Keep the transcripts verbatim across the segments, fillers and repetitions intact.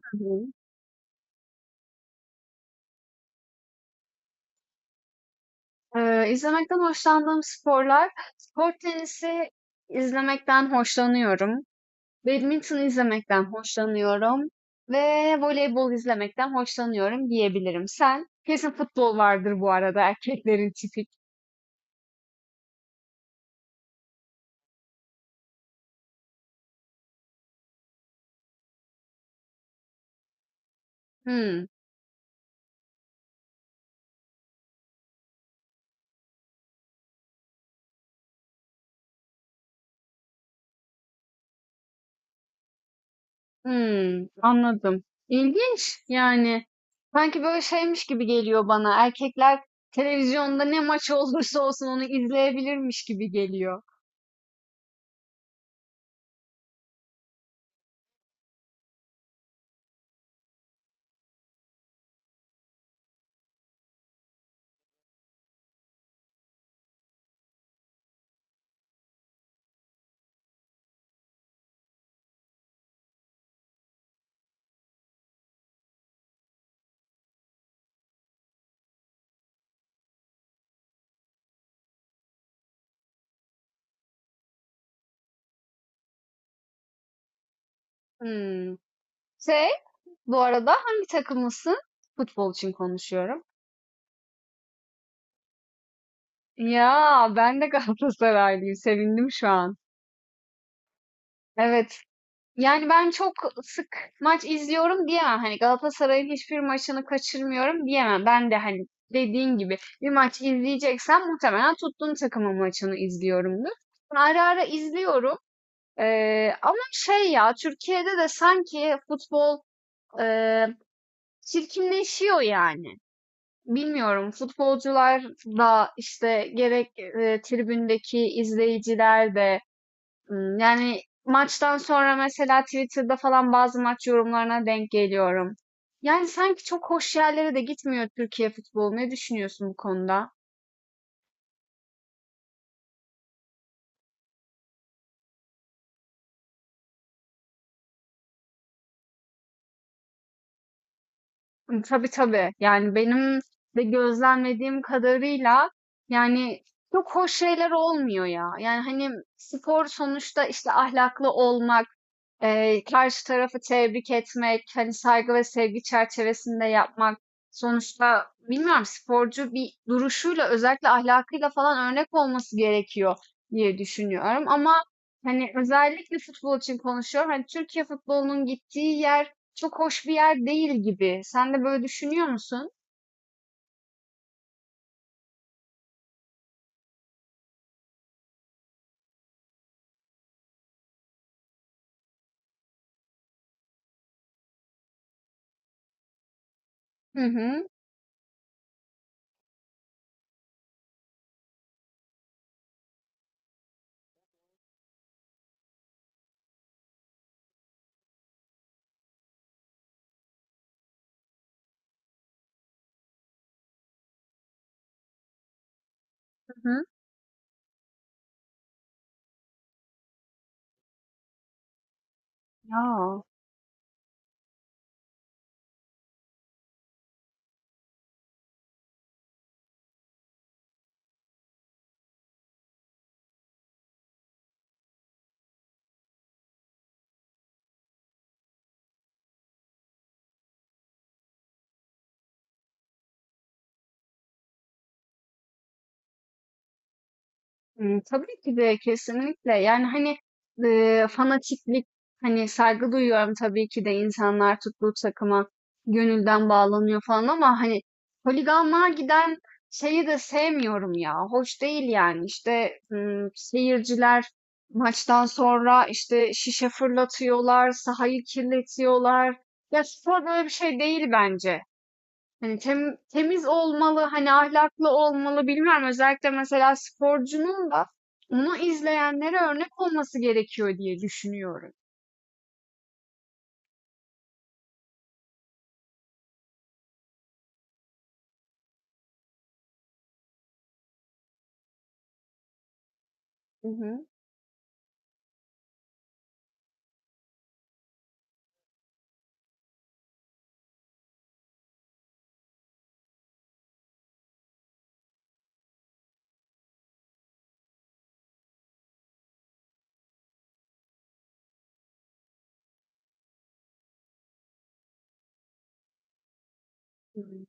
Hı hı. Eee, izlemekten hoşlandığım sporlar, spor tenisi izlemekten hoşlanıyorum. Badminton izlemekten hoşlanıyorum ve voleybol izlemekten hoşlanıyorum diyebilirim. Sen? Kesin futbol vardır bu arada erkeklerin tipik. Hmm, hmm, Anladım. İlginç yani. Sanki böyle şeymiş gibi geliyor bana. Erkekler televizyonda ne maç olursa olsun onu izleyebilirmiş gibi geliyor. Hmm. Şey, Bu arada hangi takımlısın? Futbol için konuşuyorum. Ya ben de Galatasaraylıyım. Sevindim şu an. Evet. Yani ben çok sık maç izliyorum diyemem. Hani Galatasaray'ın hiçbir maçını kaçırmıyorum diyemem. Ben de hani dediğin gibi bir maç izleyeceksem muhtemelen tuttuğum takımın maçını izliyorumdur. Ara ara izliyorum. Ee, ama şey ya Türkiye'de de sanki futbol e, çirkinleşiyor yani. Bilmiyorum, futbolcular da, işte, gerek, eee, tribündeki izleyiciler de, ımm, yani, maçtan sonra mesela Twitter'da falan bazı maç yorumlarına denk geliyorum. Yani, sanki çok hoş yerlere de gitmiyor Türkiye futbolu. Ne düşünüyorsun bu konuda? Imm, tabii, tabii. Yani, benim de gözlemlediğim kadarıyla, yani, çok hoş şeyler olmuyor ya. Yani, hani, spor sonuçta, işte, ahlaklı olmak, Eee, karşı tarafı tebrik etmek, hani, saygı ve sevgi çerçevesinde yapmak. Sonuçta bilmiyorum, sporcu bir duruşuyla, özellikle ahlakıyla falan örnek olması gerekiyor diye düşünüyorum ama, hani, özellikle futbol için konuşuyorum. Hani, Türkiye futbolunun gittiği yer çok hoş bir yer değil gibi. Sen de böyle düşünüyor musun? Hı hı. Hı hı. Ya. Imm, tabii ki de kesinlikle. Yani, hani, eee, fanatiklik, hani, saygı duyuyorum tabii ki de insanlar tuttuğu takıma gönülden bağlanıyor falan ama, hani, holiganlığa giden şeyi de sevmiyorum ya. Hoş değil yani. İşte, ımm, seyirciler maçtan sonra, işte, şişe fırlatıyorlar, sahayı kirletiyorlar. Ya, spor böyle bir şey değil bence. Hani tem- temiz olmalı, hani ahlaklı olmalı bilmiyorum. Özellikle mesela sporcunun da onu izleyenlere örnek olması gerekiyor diye düşünüyorum. Hı hı. Hı hı.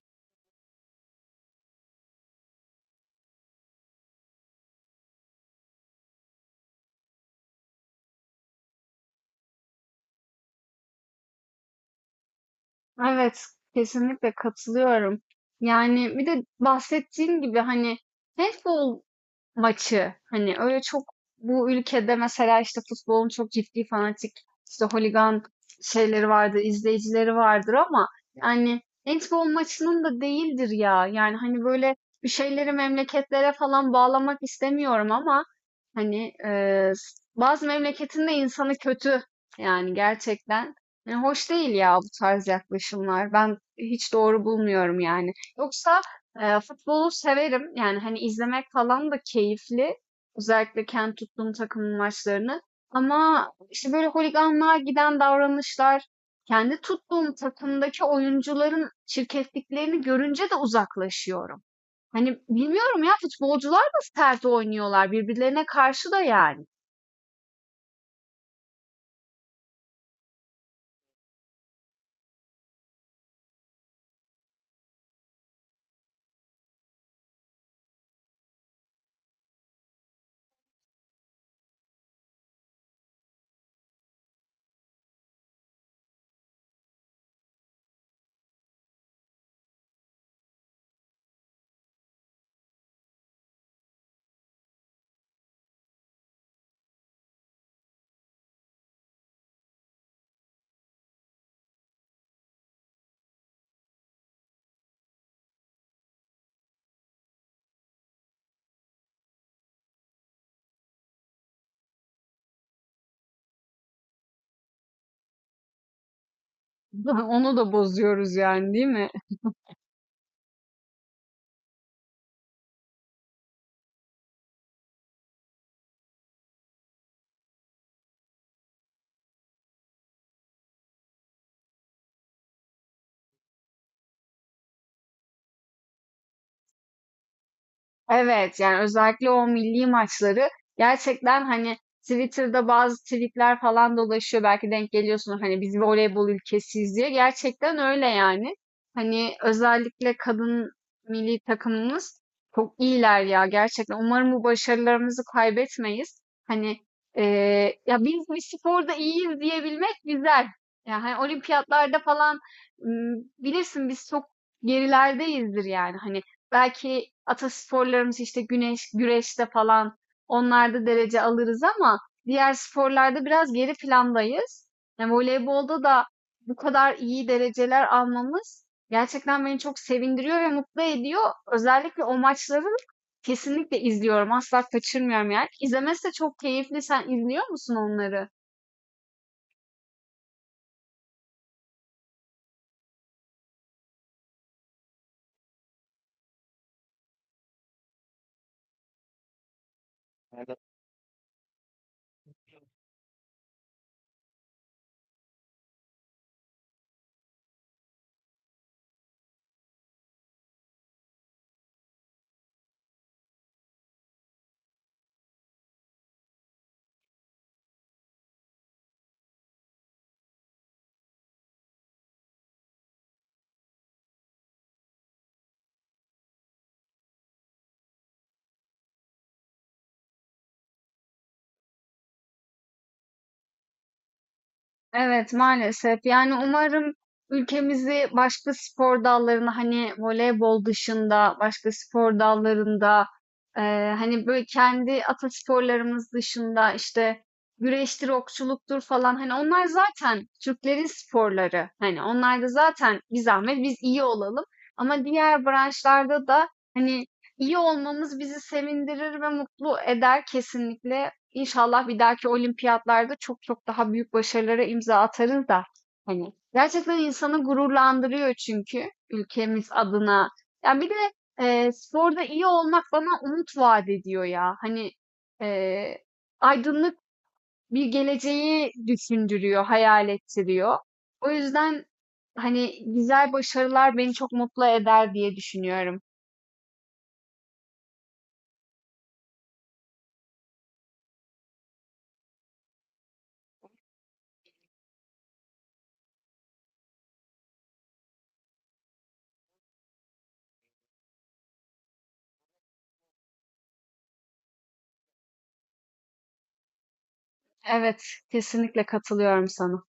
Evet, kesinlikle katılıyorum. Yani bir de bahsettiğim gibi hani handball maçı. Hani öyle çok bu ülkede mesela işte futbolun çok ciddi fanatik işte holigan şeyleri vardır, izleyicileri vardır ama yani handball maçının da değildir ya. Yani hani böyle bir şeyleri memleketlere falan bağlamak istemiyorum ama hani e, bazı memleketin de insanı kötü yani gerçekten. Yani hoş değil ya bu tarz yaklaşımlar. Ben hiç doğru bulmuyorum yani. Yoksa Eee, futbolu severim. Yani, hani, izlemek falan da keyifli. Özellikle kendi tuttuğum takımın maçlarını ama, işte, böyle holiganlığa giden davranışlar, kendi tuttuğum takımdaki oyuncuların çirkefliklerini görünce de uzaklaşıyorum. Hani, bilmiyorum ya, futbolcular da sert oynuyorlar birbirlerine karşı da yani. Onu da bozuyoruz yani, değil mi? Evet, yani özellikle o milli maçları gerçekten, hani, Twitter'da bazı tweet'ler falan dolaşıyor. Belki denk geliyorsunuz, hani, "Biz voleybol ülkesiyiz." diye. Gerçekten öyle yani. Hani, özellikle kadın milli takımımız çok iyiler ya gerçekten. Umarım bu başarılarımızı kaybetmeyiz. Hani, eee, ya, biz bir sporda iyiyiz diyebilmek güzel. Ya, hani, olimpiyatlarda falan, ımm, bilirsin biz çok gerilerdeyizdir yani. Hani, belki atasporlarımız işte güneş, güreşte falan onlarda derece alırız ama diğer sporlarda biraz geri plandayız. Yani voleybolda da bu kadar iyi dereceler almamız gerçekten beni çok sevindiriyor ve mutlu ediyor. Özellikle o maçları kesinlikle izliyorum. Asla kaçırmıyorum yani. İzlemesi de çok keyifli. Sen izliyor musun onları? Evet maalesef. Yani umarım ülkemizi başka spor dallarına hani voleybol dışında başka spor dallarında eee, hani böyle kendi atasporlarımız dışında işte güreştir, okçuluktur falan hani onlar zaten Türklerin sporları. Hani onlar da zaten bir zahmet biz iyi olalım. Ama diğer branşlarda da hani iyi olmamız bizi sevindirir ve mutlu eder kesinlikle. İnşallah bir dahaki olimpiyatlarda çok çok daha büyük başarılara imza atarız da hani gerçekten insanı gururlandırıyor çünkü ülkemiz adına. Yani bir de e, sporda iyi olmak bana umut vaat ediyor ya. Hani e, aydınlık bir geleceği düşündürüyor, hayal ettiriyor. O yüzden hani güzel başarılar beni çok mutlu eder diye düşünüyorum. Evet, kesinlikle katılıyorum sana.